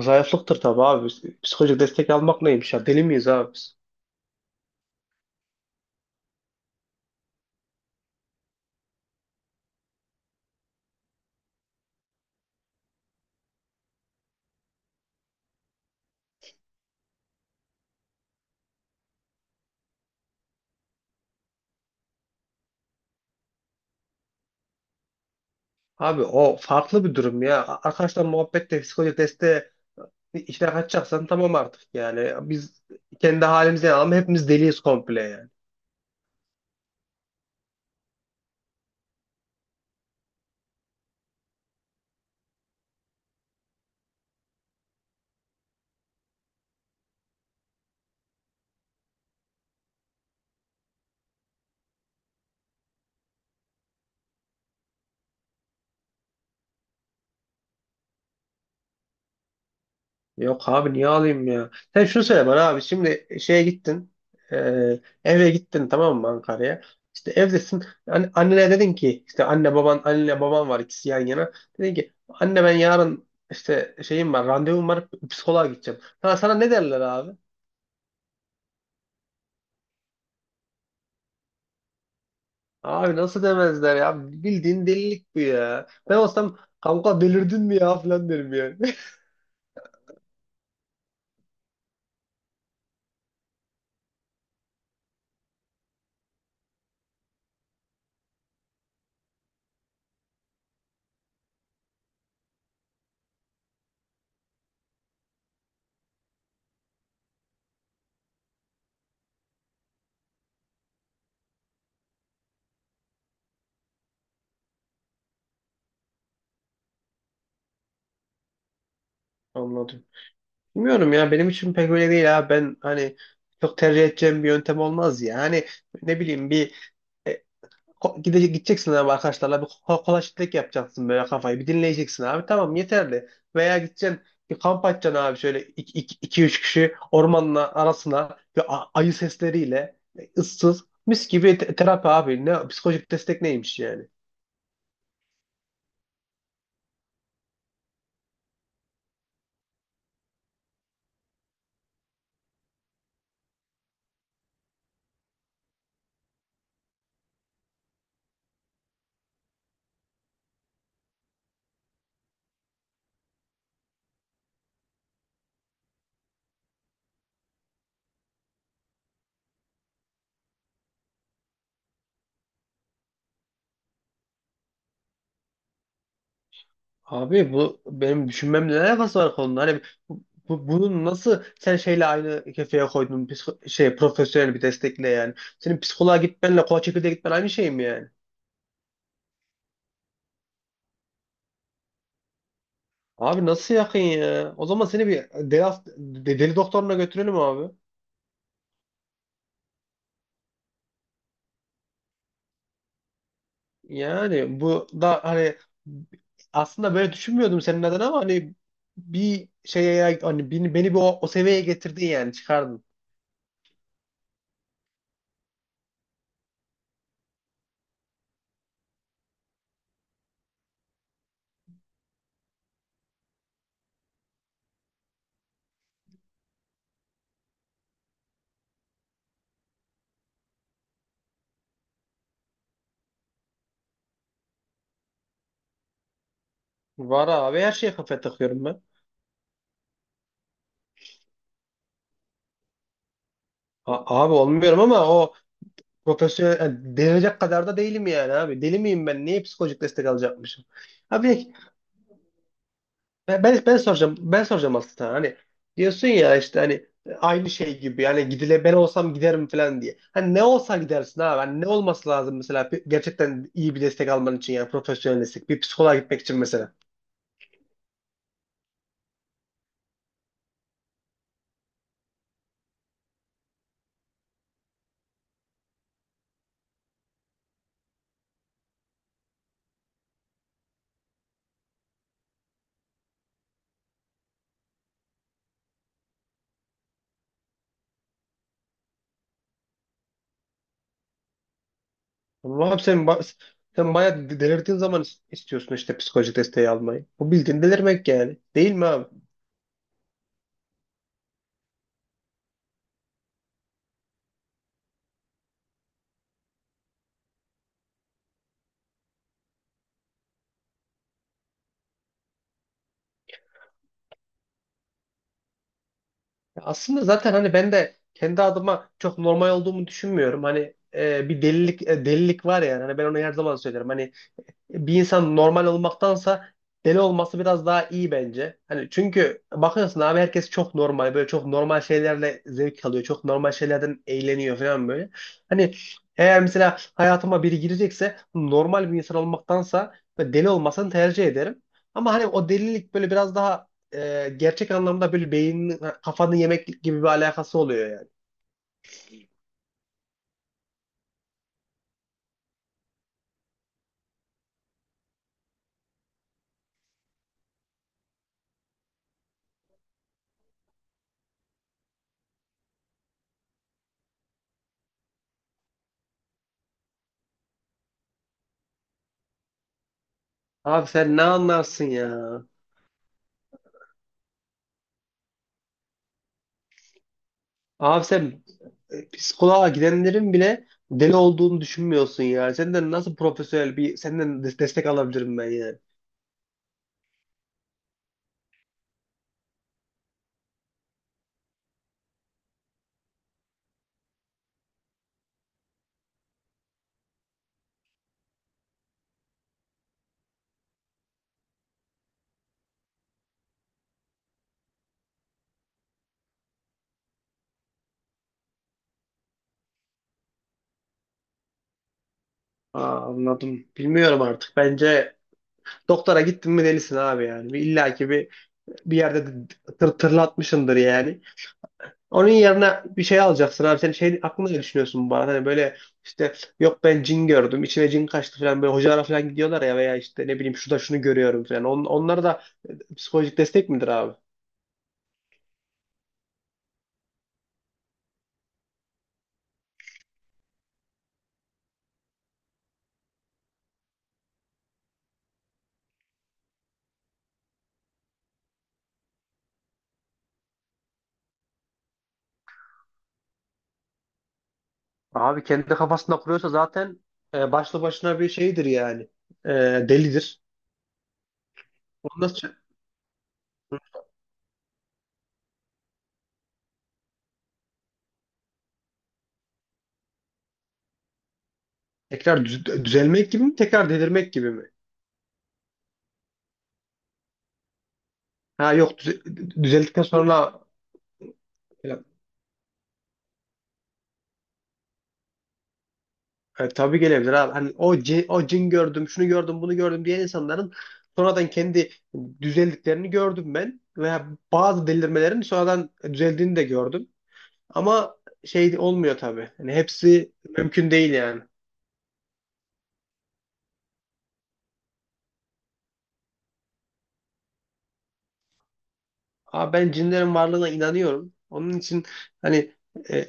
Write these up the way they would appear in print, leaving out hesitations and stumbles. Zayıflıktır tabii abi. Psikolojik destek almak neymiş ya? Deli miyiz abi biz? Abi o farklı bir durum ya. Arkadaşlar muhabbette psikolojik desteğe içine kaçacaksan tamam artık yani. Biz kendi halimize ama hepimiz deliyiz komple yani. Yok abi niye alayım ya? Sen şunu söyle bana abi. Şimdi şeye gittin. e, Eve gittin tamam mı Ankara'ya? İşte evdesin. Annene dedin ki işte anne baban anne baban var ikisi yan yana. Dedin ki anne ben yarın işte şeyim var randevum var psikoloğa gideceğim. Ha, sana ne derler abi? Abi nasıl demezler ya? Bildiğin delilik bu ya. Ben olsam kanka delirdin mi ya falan derim yani. Anladım. Bilmiyorum ya benim için pek öyle değil abi. Ben hani çok tercih edeceğim bir yöntem olmaz ya. Hani ne bileyim bir e, gideceksin abi arkadaşlarla bir kolaşlık yapacaksın böyle kafayı bir dinleyeceksin abi tamam yeterli. Veya gideceksin bir kamp açacaksın abi şöyle iki üç kişi ormanın arasına ve ayı sesleriyle ıssız mis gibi terapi abi ne psikolojik destek neymiş yani. Abi bu benim düşünmemle ne alakası var konunun? Hani bu, bunu nasıl sen şeyle aynı kefeye koydun şey profesyonel bir destekle yani. Senin psikoloğa gitmenle koç çekirdeğe gitmen aynı şey mi yani? Abi nasıl yakın ya? O zaman seni bir deli, deli doktoruna götürelim abi. Yani bu da hani aslında böyle düşünmüyordum senin adına ama hani bir şeye hani beni bir o seviyeye getirdin yani çıkardın. Var abi her şeye kafa takıyorum ben. Abi olmuyorum ama o profesyonel yani delirecek kadar da değilim yani abi. Deli miyim ben? Niye psikolojik destek alacakmışım? Abi ben, ben soracağım. Ben soracağım aslında. Hani diyorsun ya işte hani aynı şey gibi yani gidile ben olsam giderim falan diye. Hani ne olsa gidersin abi. Hani ne olması lazım mesela gerçekten iyi bir destek alman için yani profesyonel destek. Bir psikoloğa gitmek için mesela. Ama abi sen bayağı delirdiğin zaman istiyorsun işte psikolojik desteği almayı. Bu bildiğin delirmek yani. Değil mi abi? Ya aslında zaten hani ben de kendi adıma çok normal olduğumu düşünmüyorum. Hani bir delilik delilik var yani. Hani ben onu her zaman söylerim. Hani bir insan normal olmaktansa deli olması biraz daha iyi bence. Hani çünkü bakıyorsun abi herkes çok normal böyle çok normal şeylerle zevk alıyor. Çok normal şeylerden eğleniyor falan böyle. Hani eğer mesela hayatıma biri girecekse normal bir insan olmaktansa böyle deli olmasını tercih ederim. Ama hani o delilik böyle biraz daha gerçek anlamda böyle beynin kafanı yemek gibi bir alakası oluyor yani. Abi sen ne anlarsın ya? Abi sen psikoloğa gidenlerin bile deli olduğunu düşünmüyorsun ya. Senden nasıl profesyonel bir senden destek alabilirim ben yani. Aa, anladım. Bilmiyorum artık. Bence doktora gittin mi delisin abi yani. Bir, illa ki bir, bir yerde tırlatmışındır yani. Onun yerine bir şey alacaksın abi. Sen şey aklında ne düşünüyorsun bu arada? Hani böyle işte yok ben cin gördüm. İçime cin kaçtı falan. Böyle hocalara falan gidiyorlar ya veya işte ne bileyim şurada şunu görüyorum falan. Onlar da psikolojik destek midir abi? Abi kendi kafasında kuruyorsa zaten başlı başına bir şeydir yani. E, Delidir. Onu nasıl çö- Tekrar düzelmek gibi mi? Tekrar delirmek gibi mi? Ha yok düzeldikten sonra tabii gelebilir abi. Hani o cin gördüm, şunu gördüm, bunu gördüm diyen insanların sonradan kendi düzeldiklerini gördüm ben. Veya bazı delirmelerin sonradan düzeldiğini de gördüm. Ama şey olmuyor tabii. Hani hepsi mümkün değil yani. Ama ben cinlerin varlığına inanıyorum. Onun için hani e,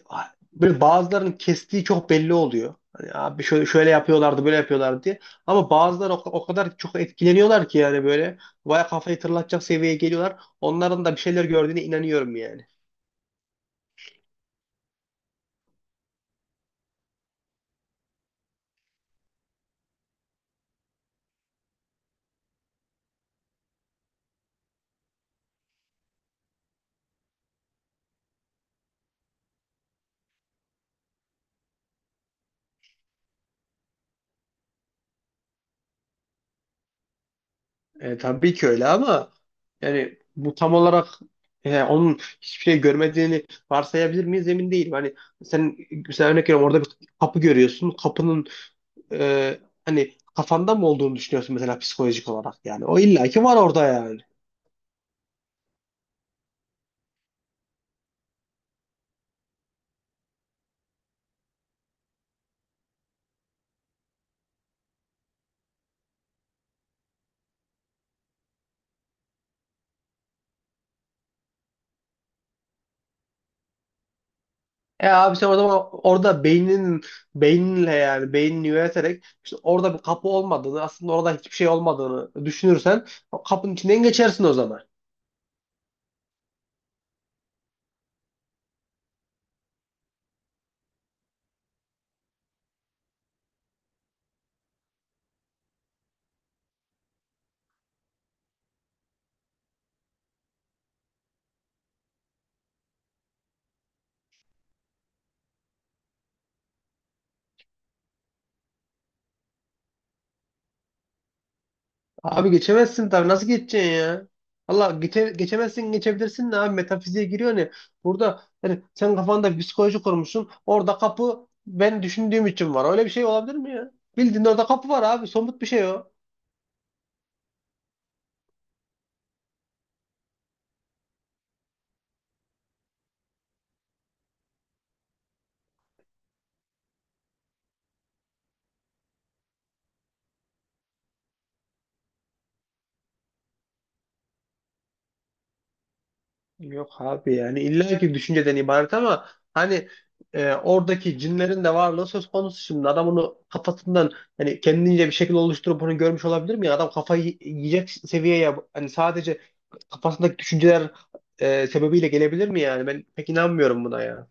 böyle bazılarının kestiği çok belli oluyor. Hani abi şöyle yapıyorlardı, böyle yapıyorlardı diye. Ama bazıları o kadar çok etkileniyorlar ki yani böyle baya kafayı tırlatacak seviyeye geliyorlar. Onların da bir şeyler gördüğüne inanıyorum yani. Tabii ki öyle ama yani bu tam olarak onun hiçbir şey görmediğini varsayabilir miyiz emin değilim. Hani sen mesela örnek veriyorum orada bir kapı görüyorsun. Kapının hani kafanda mı olduğunu düşünüyorsun mesela psikolojik olarak yani. O illaki var orada yani. E abi sen o zaman orada beyninle yani beynini yöneterek işte orada bir kapı olmadığını aslında orada hiçbir şey olmadığını düşünürsen o kapının içinden geçersin o zaman. Abi geçemezsin tabii nasıl geçeceksin ya? Geçemezsin geçebilirsin de abi metafiziğe giriyor ne? Burada hani sen kafanda bir psikoloji kurmuşsun orada kapı ben düşündüğüm için var. Öyle bir şey olabilir mi ya? Bildiğin orada kapı var abi somut bir şey o. Yok abi yani illaki düşünceden ibaret ama hani oradaki cinlerin de varlığı söz konusu şimdi adam onu kafasından hani kendince bir şekil oluşturup bunu görmüş olabilir mi adam kafayı yiyecek seviyeye hani sadece kafasındaki düşünceler sebebiyle gelebilir mi yani ben pek inanmıyorum buna ya.